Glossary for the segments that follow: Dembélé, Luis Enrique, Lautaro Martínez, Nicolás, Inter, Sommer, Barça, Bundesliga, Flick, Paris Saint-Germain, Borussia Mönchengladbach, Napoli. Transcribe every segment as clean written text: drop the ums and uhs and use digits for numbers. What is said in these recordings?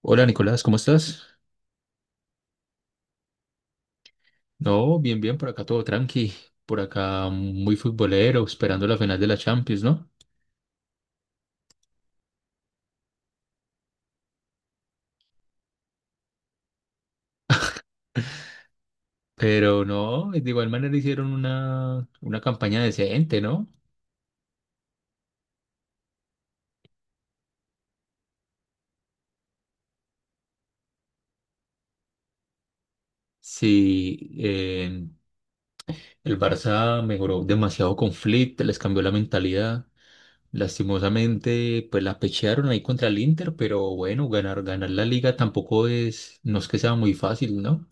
Hola Nicolás, ¿cómo estás? No, bien, bien, por acá todo tranqui, por acá muy futbolero, esperando la final de la Champions, ¿no? Pero no, de igual manera hicieron una campaña decente, ¿no? Sí, el Barça mejoró demasiado con Flick, les cambió la mentalidad. Lastimosamente, pues la pechearon ahí contra el Inter, pero bueno, ganar, ganar la liga tampoco es, no es que sea muy fácil, ¿no?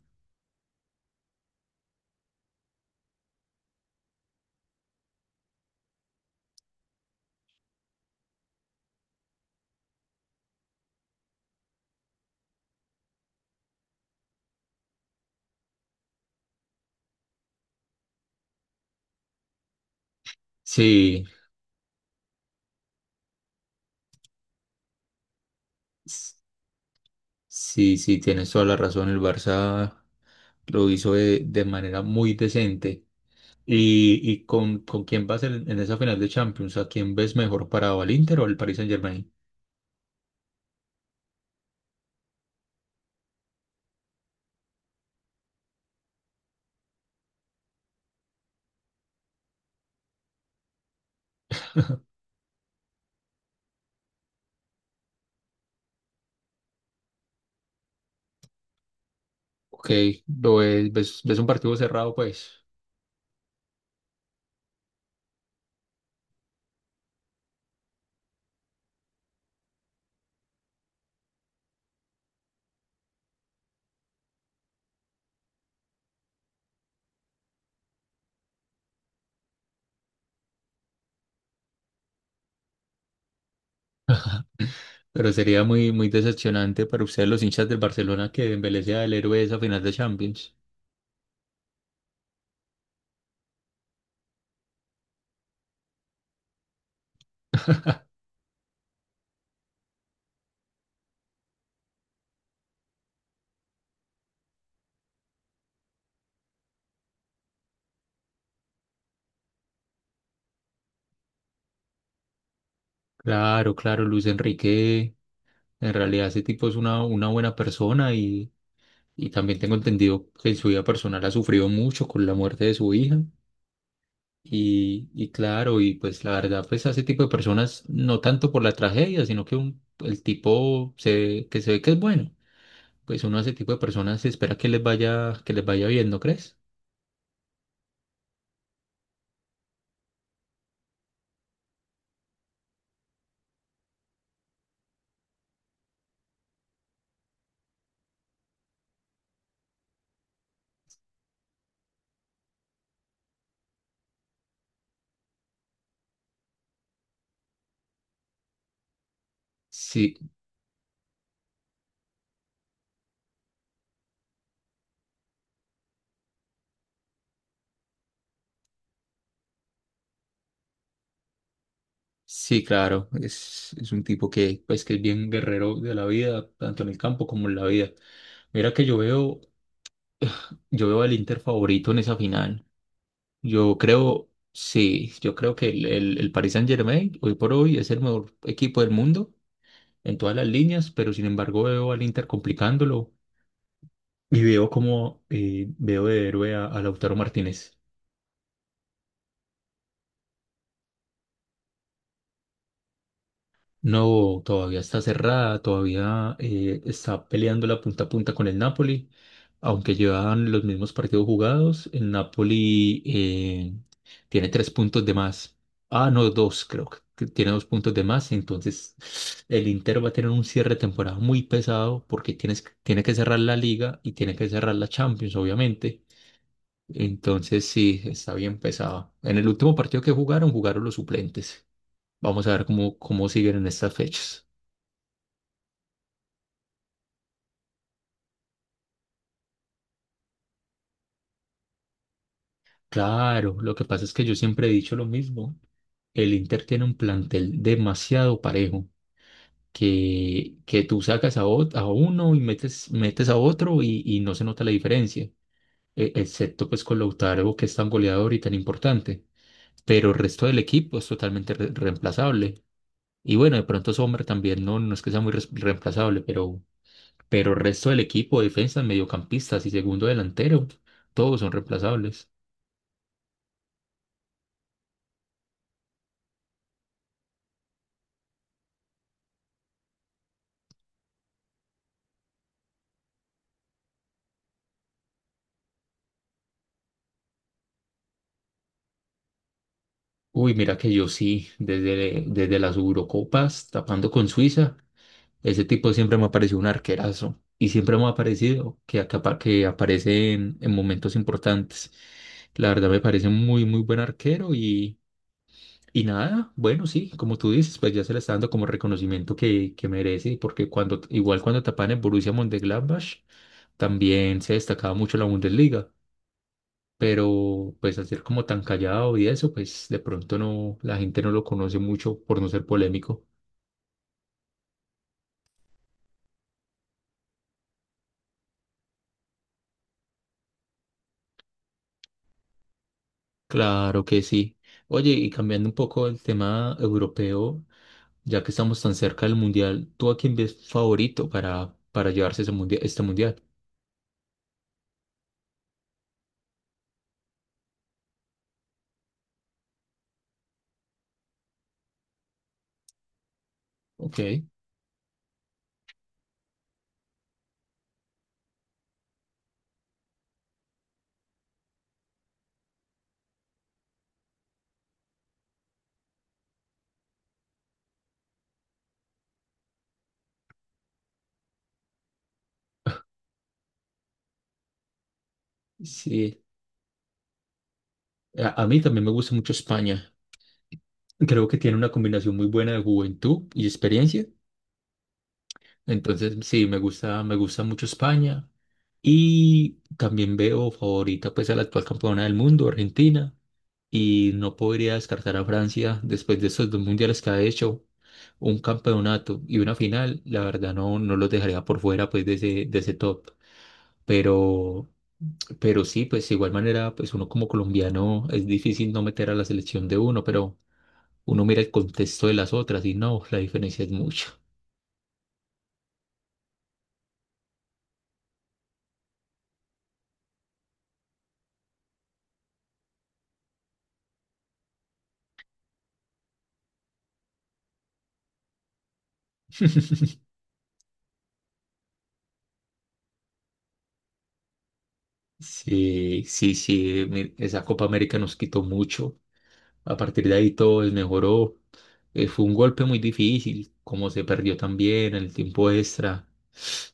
Sí, s- sí, sí, tienes toda la razón, el Barça. Lo hizo de manera muy decente. Y con quién vas en esa final de Champions? ¿A quién ves mejor parado, al Inter o al Paris Saint-Germain? Ok, lo ves, ves, ves un partido cerrado, pues. Pero sería muy, muy decepcionante para ustedes, los hinchas del Barcelona, que Dembélé sea el héroe de esa final de Champions. Claro, claro, Luis Enrique. En realidad, ese tipo es una buena persona y también tengo entendido que en su vida personal ha sufrido mucho con la muerte de su hija. Y claro, y pues la verdad, pues a ese tipo de personas, no tanto por la tragedia, sino que el tipo se, que se ve que es bueno, pues uno a ese tipo de personas se espera que les vaya bien, ¿no crees? Sí, sí, claro, es un tipo que, pues, que es bien guerrero de la vida, tanto en el campo como en la vida. Mira que yo veo al Inter favorito en esa final. Yo creo, sí, yo creo que el Paris Saint-Germain hoy por hoy es el mejor equipo del mundo en todas las líneas, pero sin embargo veo al Inter complicándolo y veo como veo de héroe a Lautaro Martínez. No, todavía está cerrada, todavía está peleando la punta a punta con el Napoli, aunque llevan los mismos partidos jugados, el Napoli tiene tres puntos de más. Ah, no, dos creo que tiene dos puntos de más, entonces el Inter va a tener un cierre de temporada muy pesado porque tienes, tiene que cerrar la liga y tiene que cerrar la Champions, obviamente. Entonces sí, está bien pesado. En el último partido que jugaron, jugaron los suplentes. Vamos a ver cómo, cómo siguen en estas fechas. Claro, lo que pasa es que yo siempre he dicho lo mismo. El Inter tiene un plantel demasiado parejo, que tú sacas a, a uno y metes, metes a otro y no se nota la diferencia, excepto pues con Lautaro, que es tan goleador y tan importante. Pero el resto del equipo es totalmente reemplazable. Y bueno, de pronto Sommer también no, no es que sea muy reemplazable, pero el resto del equipo, defensas, mediocampistas y segundo delantero, todos son reemplazables. Uy, mira que yo sí, desde, desde las Eurocopas, tapando con Suiza, ese tipo siempre me ha parecido un arquerazo y siempre me ha parecido que, que aparece en momentos importantes. La verdad me parece muy, muy buen arquero y nada, bueno, sí, como tú dices, pues ya se le está dando como reconocimiento que merece, porque cuando, igual cuando tapan en Borussia Mönchengladbach, también se destacaba mucho en la Bundesliga. Pero pues al ser como tan callado y eso, pues de pronto no, la gente no lo conoce mucho por no ser polémico. Claro que sí. Oye, y cambiando un poco el tema europeo, ya que estamos tan cerca del mundial, ¿tú a quién ves favorito para llevarse ese mundial, este mundial? Ok, sí. A mí también me gusta mucho España. Creo que tiene una combinación muy buena de juventud y experiencia. Entonces, sí, me gusta mucho España y también veo favorita pues a la actual campeona del mundo, Argentina, y no podría descartar a Francia después de esos dos mundiales que ha hecho, un campeonato y una final, la verdad no, no los dejaría por fuera pues de ese top, pero, pero sí, pues de igual manera pues uno como colombiano es difícil no meter a la selección de uno, pero uno mira el contexto de las otras y no, la diferencia es mucho. Sí, sí, sí, esa Copa América nos quitó mucho. A partir de ahí todo desmejoró. Fue un golpe muy difícil, como se perdió también en el tiempo extra.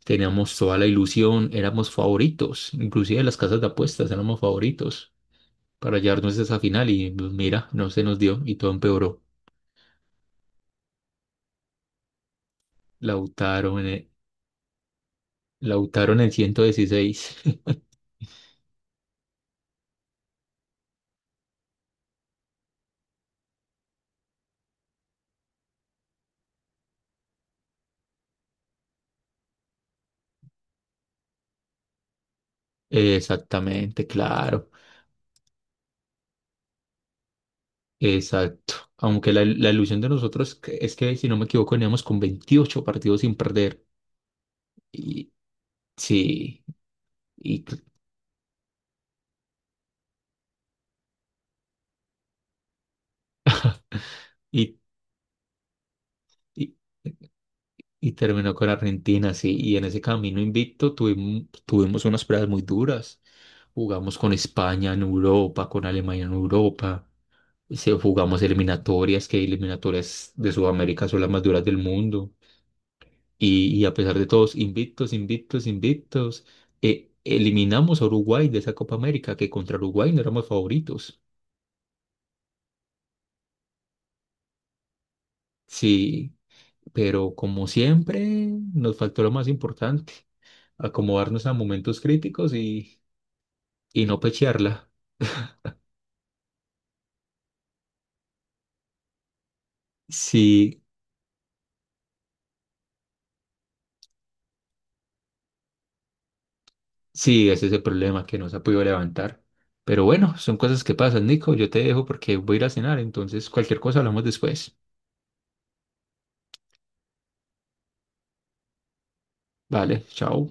Teníamos toda la ilusión, éramos favoritos, inclusive las casas de apuestas éramos favoritos para llevarnos a esa final y pues, mira, no se nos dio y todo empeoró. Lautaron en el, Lautaro en el 116. Exactamente, claro, exacto. Aunque la ilusión de nosotros es que, si no me equivoco, veníamos con 28 partidos sin perder. Y sí, y, y, y- y terminó con Argentina, sí. Y en ese camino invicto tuvimos, tuvimos unas pruebas muy duras. Jugamos con España en Europa, con Alemania en Europa. Se, jugamos eliminatorias, que eliminatorias de Sudamérica son las más duras del mundo. Y a pesar de todos, invictos, invictos, invictos, eliminamos a Uruguay de esa Copa América, que contra Uruguay no éramos favoritos. Sí, pero como siempre, nos faltó lo más importante, acomodarnos a momentos críticos y no pechearla. Sí, sí, ese es el problema que no se ha podido levantar. Pero bueno, son cosas que pasan, Nico. Yo te dejo porque voy a ir a cenar, entonces cualquier cosa hablamos después. Vale, chao.